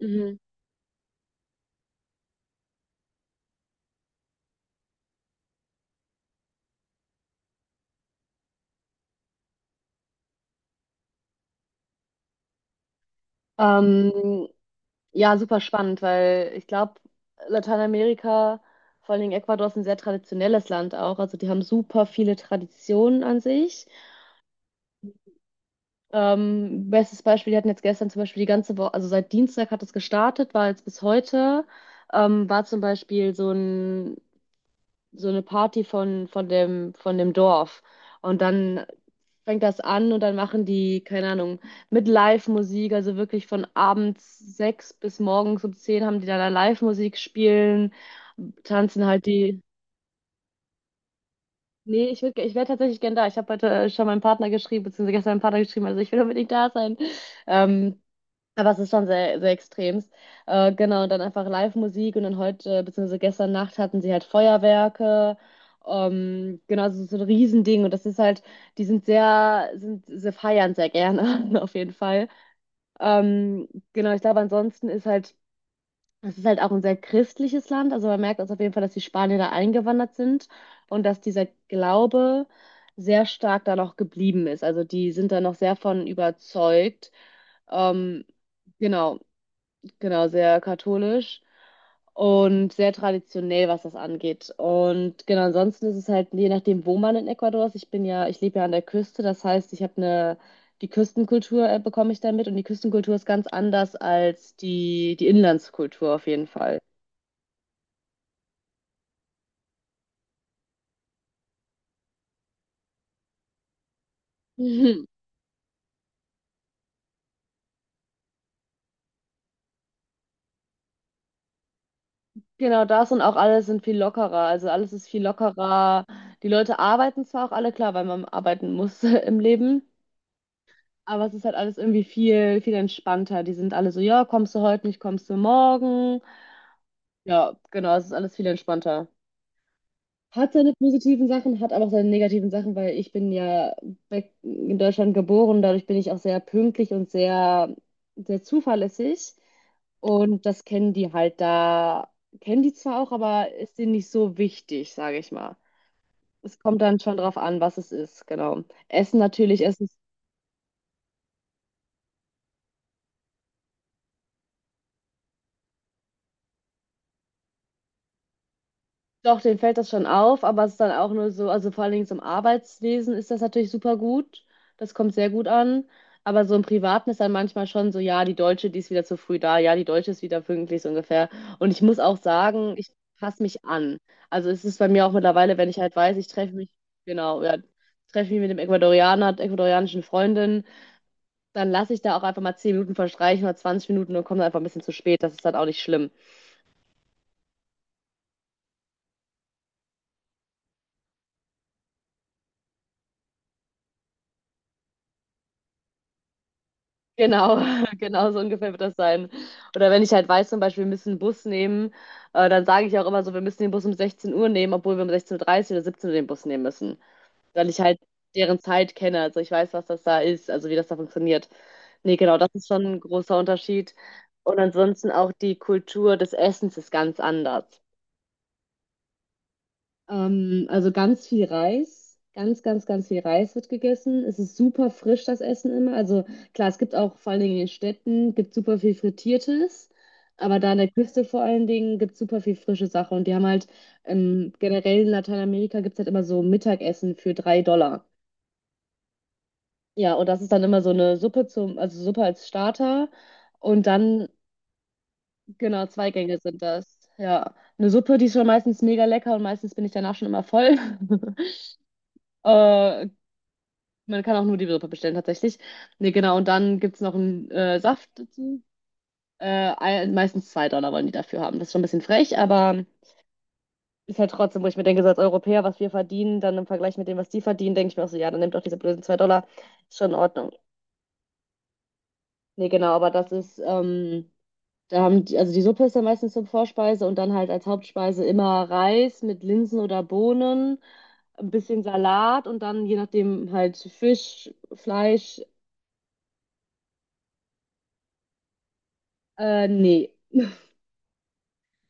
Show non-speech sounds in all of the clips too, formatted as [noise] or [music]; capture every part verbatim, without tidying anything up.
Mhm. Ähm, ja, super spannend, weil ich glaube, Lateinamerika, vor allen Dingen Ecuador, ist ein sehr traditionelles Land auch. Also die haben super viele Traditionen an sich. Ähm, bestes Beispiel, die hatten jetzt gestern zum Beispiel die ganze Woche, also seit Dienstag hat es gestartet, war jetzt bis heute, ähm, war zum Beispiel so ein, so eine Party von, von dem, von dem Dorf. Und dann fängt das an und dann machen die, keine Ahnung, mit Live-Musik, also wirklich von abends sechs bis morgens um zehn haben die dann da Live-Musik spielen, tanzen halt die. Nee, ich würde, ich wäre tatsächlich gern da. Ich habe heute äh, schon meinem Partner geschrieben, beziehungsweise gestern meinem Partner geschrieben, also ich will unbedingt da sein. Ähm, aber es ist schon sehr, sehr extremst. Äh, genau, und dann einfach Live-Musik und dann heute, beziehungsweise gestern Nacht hatten sie halt Feuerwerke. Ähm, genau, so so ein Riesending und das ist halt, die sind sehr, sind, sie feiern sehr gerne, [laughs] auf jeden Fall. Ähm, genau, ich glaube, ansonsten ist halt, es ist halt auch ein sehr christliches Land, also man merkt also auf jeden Fall, dass die Spanier da eingewandert sind und dass dieser Glaube sehr stark da noch geblieben ist. Also die sind da noch sehr von überzeugt. Ähm, Genau genau, sehr katholisch und sehr traditionell, was das angeht. Und genau, ansonsten ist es halt, je nachdem, wo man in Ecuador ist, ich bin ja, ich lebe ja an der Küste, das heißt, ich habe eine, die Küstenkultur äh, bekomme ich damit und die Küstenkultur ist ganz anders als die, die Inlandskultur auf jeden Fall. Mhm. [laughs] Genau das und auch alles sind viel lockerer. Also alles ist viel lockerer. Die Leute arbeiten zwar auch alle, klar, weil man arbeiten muss [laughs] im Leben, aber es ist halt alles irgendwie viel, viel entspannter. Die sind alle so, ja, kommst du heute nicht, kommst du morgen. Ja, genau, es ist alles viel entspannter. Hat seine positiven Sachen, hat aber auch seine negativen Sachen, weil ich bin ja weg in Deutschland geboren, dadurch bin ich auch sehr pünktlich und sehr, sehr zuverlässig. Und das kennen die halt da, kennen die zwar auch, aber ist denen nicht so wichtig, sage ich mal. Es kommt dann schon drauf an, was es ist, genau. Essen natürlich, Essen Doch, denen fällt das schon auf, aber es ist dann auch nur so, also vor allen Dingen so im Arbeitswesen ist das natürlich super gut. Das kommt sehr gut an. Aber so im Privaten ist dann manchmal schon so, ja, die Deutsche, die ist wieder zu früh da, ja, die Deutsche ist wieder pünktlich so ungefähr. Und ich muss auch sagen, ich passe mich an. Also es ist bei mir auch mittlerweile, wenn ich halt weiß, ich treffe mich, genau, ja, treffe mich mit dem Ecuadorianer, der ecuadorianischen Freundin, dann lasse ich da auch einfach mal zehn Minuten verstreichen oder zwanzig Minuten und komme dann einfach ein bisschen zu spät. Das ist dann auch nicht schlimm. Genau, [laughs] genau so ungefähr wird das sein. Oder wenn ich halt weiß, zum Beispiel, wir müssen einen Bus nehmen, äh, dann sage ich auch immer so, wir müssen den Bus um sechzehn Uhr nehmen, obwohl wir um 16.30 Uhr dreißig oder siebzehn Uhr den Bus nehmen müssen. Weil ich halt deren Zeit kenne. Also ich weiß, was das da ist, also wie das da funktioniert. Nee, genau, das ist schon ein großer Unterschied. Und ansonsten auch die Kultur des Essens ist ganz anders. Ähm, also ganz viel Reis, ganz, ganz, ganz viel Reis wird gegessen. Es ist super frisch, das Essen immer. Also klar, es gibt auch vor allen Dingen in den Städten, gibt super viel Frittiertes, aber da an der Küste vor allen Dingen gibt es super viel frische Sache. Und die haben halt ähm, generell in Lateinamerika gibt es halt immer so Mittagessen für drei Dollar. Ja, und das ist dann immer so eine Suppe zum, also Suppe als Starter. Und dann, genau, zwei Gänge sind das. Ja, eine Suppe, die ist schon meistens mega lecker und meistens bin ich danach schon immer voll. [laughs] Äh, Man kann auch nur die Suppe bestellen, tatsächlich. Nee, genau. Und dann gibt es noch einen äh, Saft dazu. Äh, ein- Meistens zwei Dollar wollen die dafür haben. Das ist schon ein bisschen frech, aber ist halt trotzdem, wo ich mir denke, so als Europäer, was wir verdienen, dann im Vergleich mit dem, was die verdienen, denke ich mir auch so, ja, dann nehmt doch diese blöden zwei Dollar. Ist schon in Ordnung. Nee, genau. Aber das ist, ähm, da haben die, also die Suppe ist dann meistens zur Vorspeise und dann halt als Hauptspeise immer Reis mit Linsen oder Bohnen, ein bisschen Salat und dann je nachdem halt Fisch, Fleisch. Äh, nee.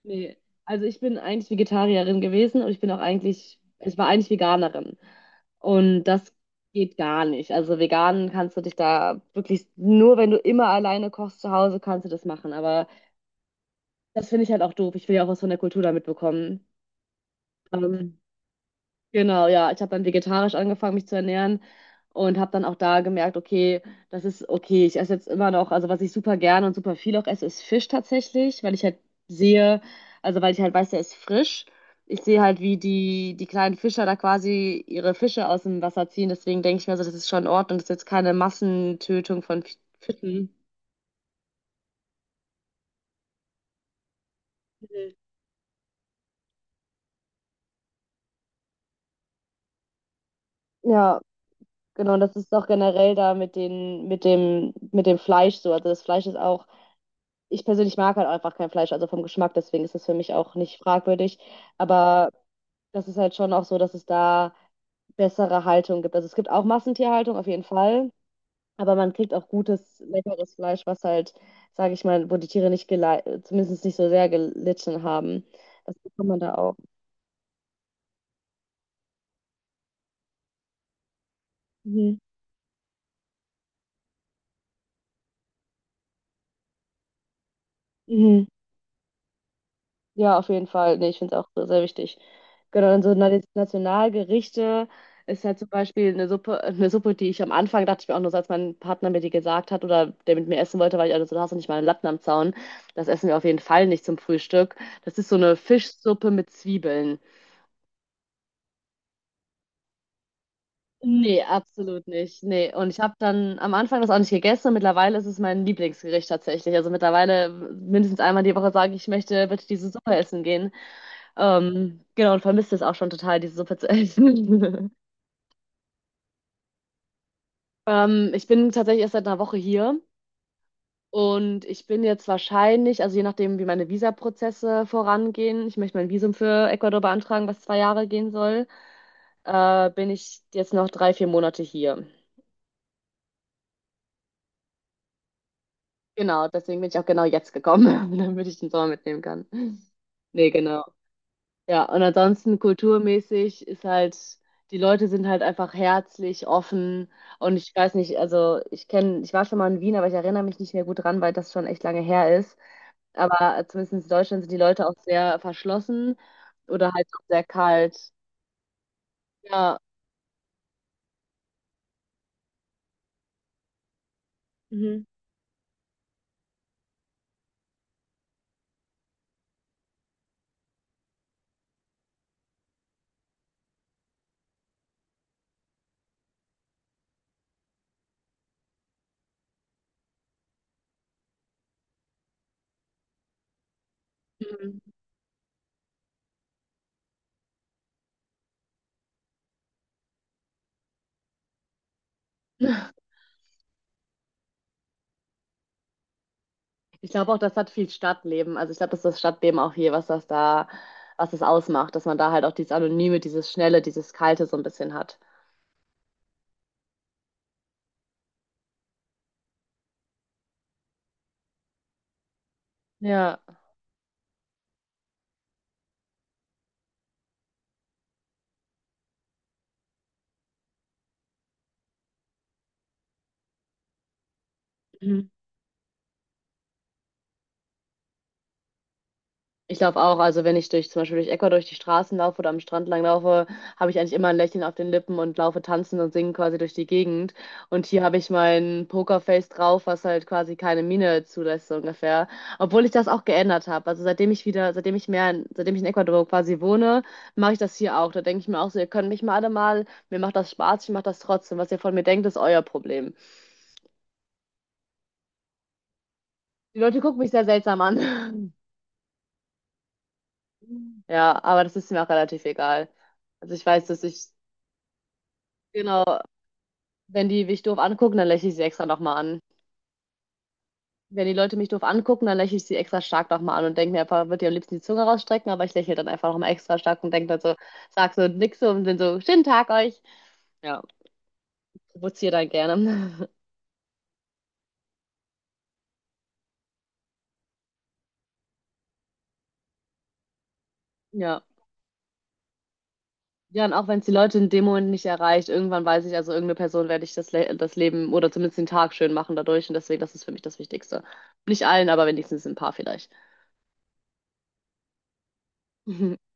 Nee, also ich bin eigentlich Vegetarierin gewesen und ich bin auch eigentlich, ich war eigentlich Veganerin. Und das geht gar nicht. Also vegan kannst du dich da wirklich, nur wenn du immer alleine kochst zu Hause, kannst du das machen. Aber das finde ich halt auch doof. Ich will ja auch was von der Kultur da mitbekommen. Ähm, Genau, ja. Ich habe dann vegetarisch angefangen, mich zu ernähren und habe dann auch da gemerkt, okay, das ist okay. Ich esse jetzt immer noch, also was ich super gerne und super viel auch esse, ist Fisch tatsächlich, weil ich halt sehe, also weil ich halt weiß, der ist frisch. Ich sehe halt, wie die, die kleinen Fischer da quasi ihre Fische aus dem Wasser ziehen. Deswegen denke ich mir so, das ist schon in Ordnung. Das ist jetzt keine Massentötung von F- Fischen. Mhm. Ja, genau. Und das ist auch generell da mit den, mit dem, mit dem Fleisch so. Also das Fleisch ist auch Ich persönlich mag halt einfach kein Fleisch, also vom Geschmack, deswegen ist das für mich auch nicht fragwürdig. Aber das ist halt schon auch so, dass es da bessere Haltung gibt. Also es gibt auch Massentierhaltung auf jeden Fall, aber man kriegt auch gutes, leckeres Fleisch, was halt, sage ich mal, wo die Tiere nicht gelei, zumindest nicht so sehr gelitten haben. Das bekommt man da auch. Mhm. Mhm. Ja, auf jeden Fall. Nee, ich finde es auch sehr wichtig. Genau, und so Na- Nationalgerichte ist halt zum Beispiel eine Suppe, eine Suppe, die ich am Anfang dachte ich mir auch nur, so, als mein Partner mir die gesagt hat oder der mit mir essen wollte, weil ich also, du hast doch nicht mal einen Latten am Zaun. Das essen wir auf jeden Fall nicht zum Frühstück. Das ist so eine Fischsuppe mit Zwiebeln. Nee, absolut nicht. Nee, und ich habe dann am Anfang das auch nicht gegessen und mittlerweile ist es mein Lieblingsgericht tatsächlich. Also mittlerweile mindestens einmal die Woche sage ich, ich möchte bitte diese Suppe essen gehen. Ähm, genau, und vermisst es auch schon total, diese Suppe zu essen. [laughs] Ähm, ich bin tatsächlich erst seit einer Woche hier und ich bin jetzt wahrscheinlich, also je nachdem, wie meine Visaprozesse vorangehen, ich möchte mein Visum für Ecuador beantragen, was zwei Jahre gehen soll, äh, bin ich jetzt noch drei, vier Monate hier. Genau, deswegen bin ich auch genau jetzt gekommen, [laughs] damit ich den Sommer mitnehmen kann. Nee, genau. Ja, und ansonsten kulturmäßig ist halt, die Leute sind halt einfach herzlich, offen und ich weiß nicht, also ich kenne, ich war schon mal in Wien, aber ich erinnere mich nicht mehr gut dran, weil das schon echt lange her ist. Aber zumindest in Deutschland sind die Leute auch sehr verschlossen oder halt auch sehr kalt. Ja. Mhm. Mhm. Ich glaube auch, das hat viel Stadtleben. Also ich glaube, das ist das Stadtleben auch hier, was das da, was das ausmacht, dass man da halt auch dieses Anonyme, dieses Schnelle, dieses Kalte so ein bisschen hat. Ja. Ich laufe auch, also wenn ich durch, zum Beispiel durch Ecuador durch die Straßen laufe oder am Strand lang laufe, habe ich eigentlich immer ein Lächeln auf den Lippen und laufe tanzend und singen quasi durch die Gegend. Und hier habe ich mein Pokerface drauf, was halt quasi keine Miene zulässt, so ungefähr. Obwohl ich das auch geändert habe. Also seitdem ich wieder, seitdem ich mehr, in- seitdem ich in Ecuador quasi wohne, mache ich das hier auch. Da denke ich mir auch so, ihr könnt mich mal alle mal, mir macht das Spaß, ich mache das trotzdem. Was ihr von mir denkt, ist euer Problem. Die Leute gucken mich sehr seltsam an. [laughs] Ja, aber das ist mir auch relativ egal. Also ich weiß, dass ich. Genau. Wenn die mich doof angucken, dann lächle ich sie extra nochmal an. Wenn die Leute mich doof angucken, dann lächle ich sie extra stark nochmal an und denke mir einfach, würde ihr am liebsten die Zunge rausstrecken, aber ich lächle dann einfach nochmal extra stark und denke dann so, sag so nix so und bin so, schönen Tag euch. Ja, provoziere dann gerne. [laughs] Ja. Ja, und auch wenn es die Leute in dem Moment nicht erreicht, irgendwann weiß ich, also irgendeine Person werde ich das, Le das Leben oder zumindest den Tag schön machen dadurch und deswegen, das ist für mich das Wichtigste. Nicht allen, aber wenigstens ein paar vielleicht. [laughs]